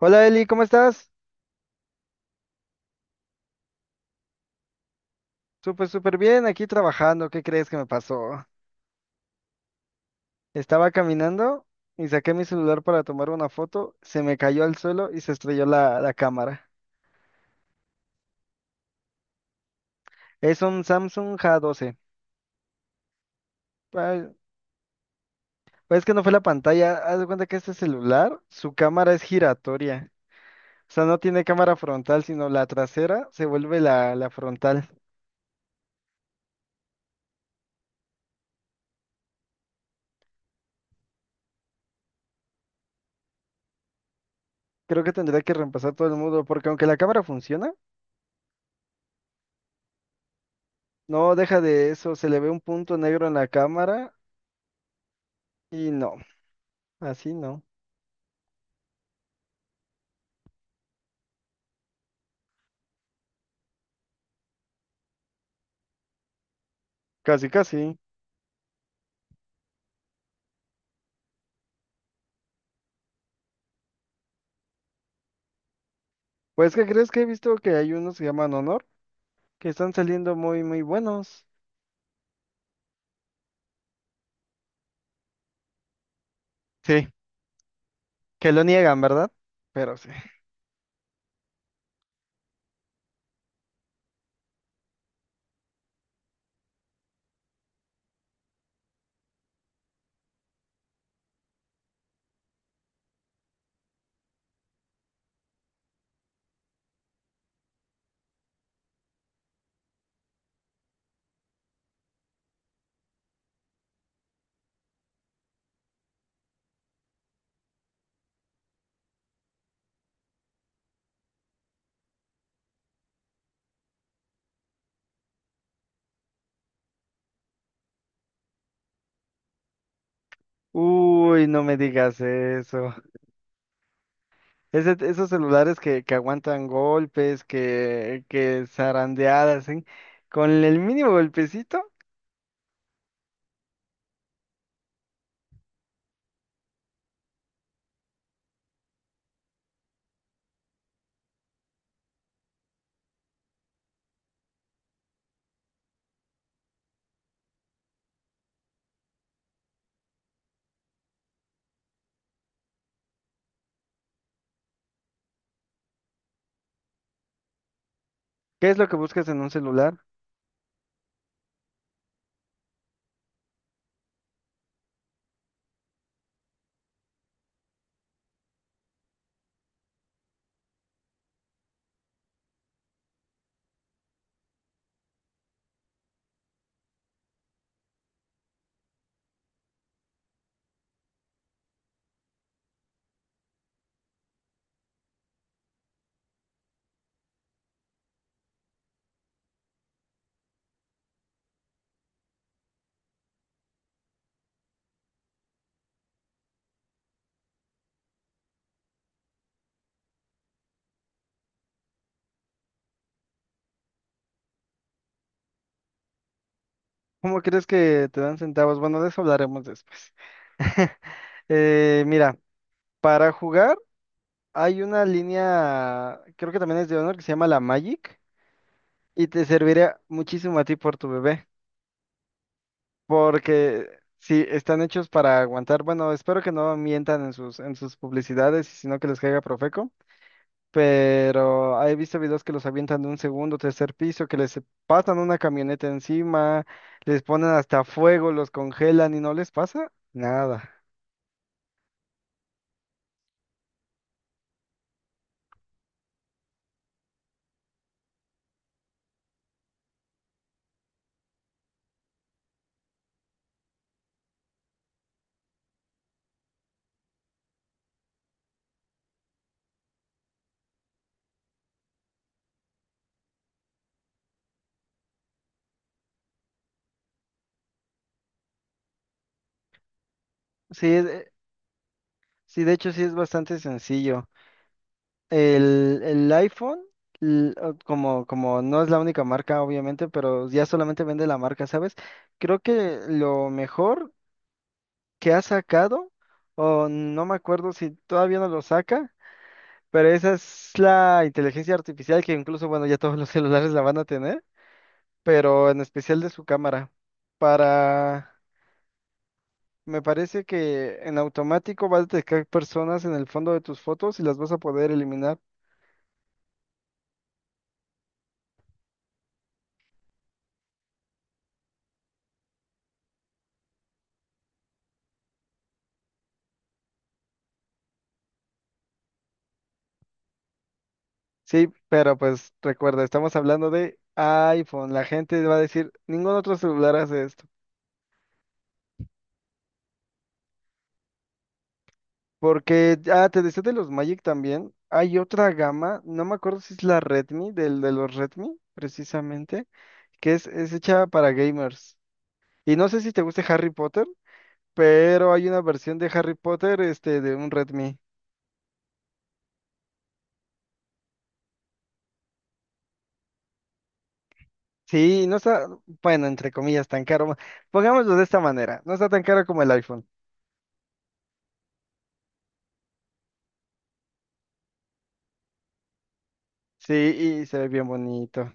Hola Eli, ¿cómo estás? Súper, súper bien, aquí trabajando. ¿Qué crees que me pasó? Estaba caminando y saqué mi celular para tomar una foto, se me cayó al suelo y se estrelló la cámara. Es un Samsung J12. Ay, pues es que no fue la pantalla, haz de cuenta que este celular, su cámara es giratoria. O sea, no tiene cámara frontal, sino la trasera se vuelve la frontal. Creo que tendría que reemplazar todo el mundo, porque aunque la cámara funciona, no deja de eso, se le ve un punto negro en la cámara y no, así no. Casi, casi. Pues, ¿qué crees que he visto que hay unos que llaman Honor? Que están saliendo muy, muy buenos. Sí, que lo niegan, ¿verdad? Pero sí. Uy, no me digas eso. Esos celulares que aguantan golpes, que zarandeadas, ¿sí? Con el mínimo golpecito, ¿qué es lo que buscas en un celular? ¿Cómo crees que te dan centavos? Bueno, de eso hablaremos después. Mira, para jugar hay una línea, creo que también es de Honor, que se llama la Magic. Y te servirá muchísimo a ti por tu bebé, porque si están hechos para aguantar, bueno, espero que no mientan en sus publicidades, sino que les caiga Profeco, pero he visto videos que los avientan de un segundo, tercer piso, que les pasan una camioneta encima, les ponen hasta fuego, los congelan y no les pasa nada. Sí, sí, de hecho sí es bastante sencillo. El iPhone, como no es la única marca, obviamente, pero ya solamente vende la marca, ¿sabes? Creo que lo mejor que ha sacado, o no me acuerdo si todavía no lo saca, pero esa es la inteligencia artificial que incluso, bueno, ya todos los celulares la van a tener, pero en especial de su cámara. Para, me parece que en automático va a detectar personas en el fondo de tus fotos y las vas a poder eliminar. Sí, pero pues recuerda, estamos hablando de iPhone. La gente va a decir, ningún otro celular hace esto. Porque, ah, te decía de los Magic también. Hay otra gama, no me acuerdo si es la Redmi, del de los Redmi, precisamente, que es hecha para gamers. Y no sé si te guste Harry Potter, pero hay una versión de Harry Potter, de un Redmi. Sí, no está, bueno, entre comillas, tan caro. Pongámoslo de esta manera, no está tan caro como el iPhone. Sí, y se ve bien bonito.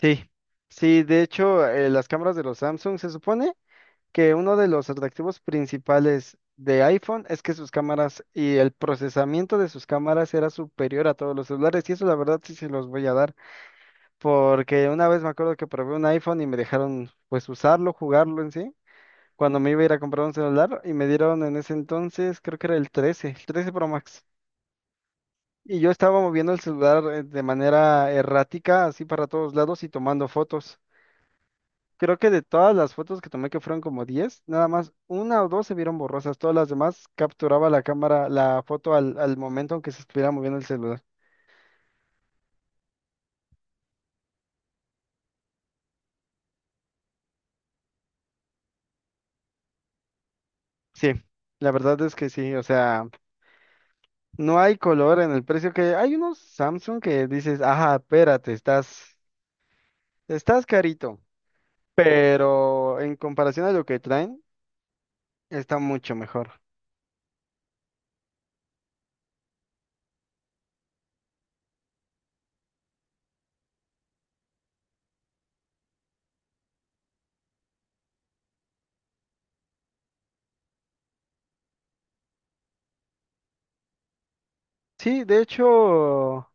Sí, sí, de hecho, las cámaras de los Samsung se supone que uno de los atractivos principales de iPhone es que sus cámaras y el procesamiento de sus cámaras era superior a todos los celulares y eso la verdad sí se los voy a dar porque una vez me acuerdo que probé un iPhone y me dejaron pues usarlo, jugarlo en sí, cuando me iba a ir a comprar un celular y me dieron en ese entonces creo que era el 13, el 13 Pro Max. Y yo estaba moviendo el celular de manera errática, así para todos lados y tomando fotos. Creo que de todas las fotos que tomé, que fueron como 10, nada más una o dos se vieron borrosas. Todas las demás capturaba la cámara, la foto al momento aunque se estuviera moviendo el celular. Sí, la verdad es que sí. O sea, no hay color en el precio que hay unos Samsung que dices, ajá, espérate, estás carito. Pero en comparación a lo que traen, está mucho mejor. Sí, de hecho,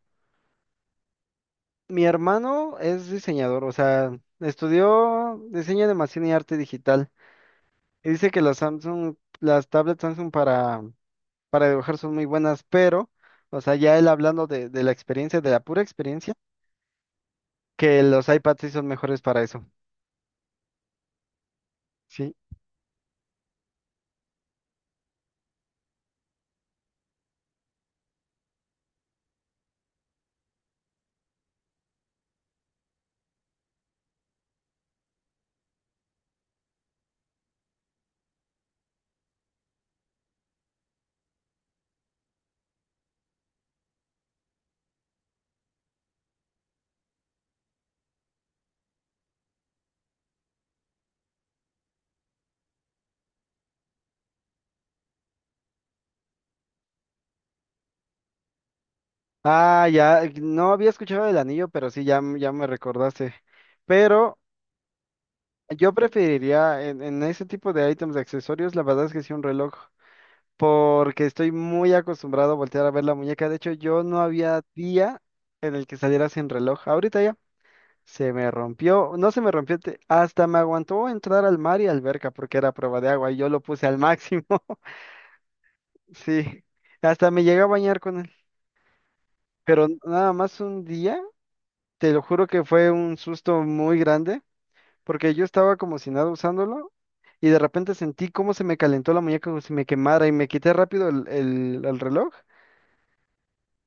mi hermano es diseñador, o sea, estudió diseño de animación y arte digital. Dice que las Samsung, las tablets Samsung para dibujar son muy buenas, pero, o sea, ya él hablando de la experiencia, de la pura experiencia, que los iPads sí son mejores para eso. Sí. Ah, ya, no había escuchado del anillo, pero sí, ya, ya me recordaste. Pero yo preferiría en ese tipo de ítems de accesorios, la verdad es que sí un reloj, porque estoy muy acostumbrado a voltear a ver la muñeca. De hecho, yo no había día en el que saliera sin reloj. Ahorita ya. Se me rompió, no se me rompió, hasta me aguantó entrar al mar y alberca porque era prueba de agua y yo lo puse al máximo. Sí, hasta me llegué a bañar con él. Pero nada más un día, te lo juro que fue un susto muy grande porque yo estaba como si nada usándolo y de repente sentí cómo se me calentó la muñeca como si me quemara y me quité rápido el reloj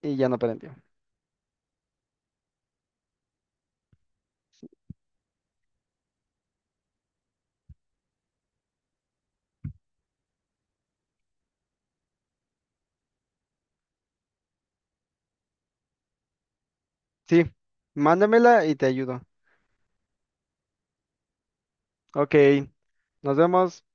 y ya no prendió. Sí, mándamela y te ayudo. Ok, nos vemos.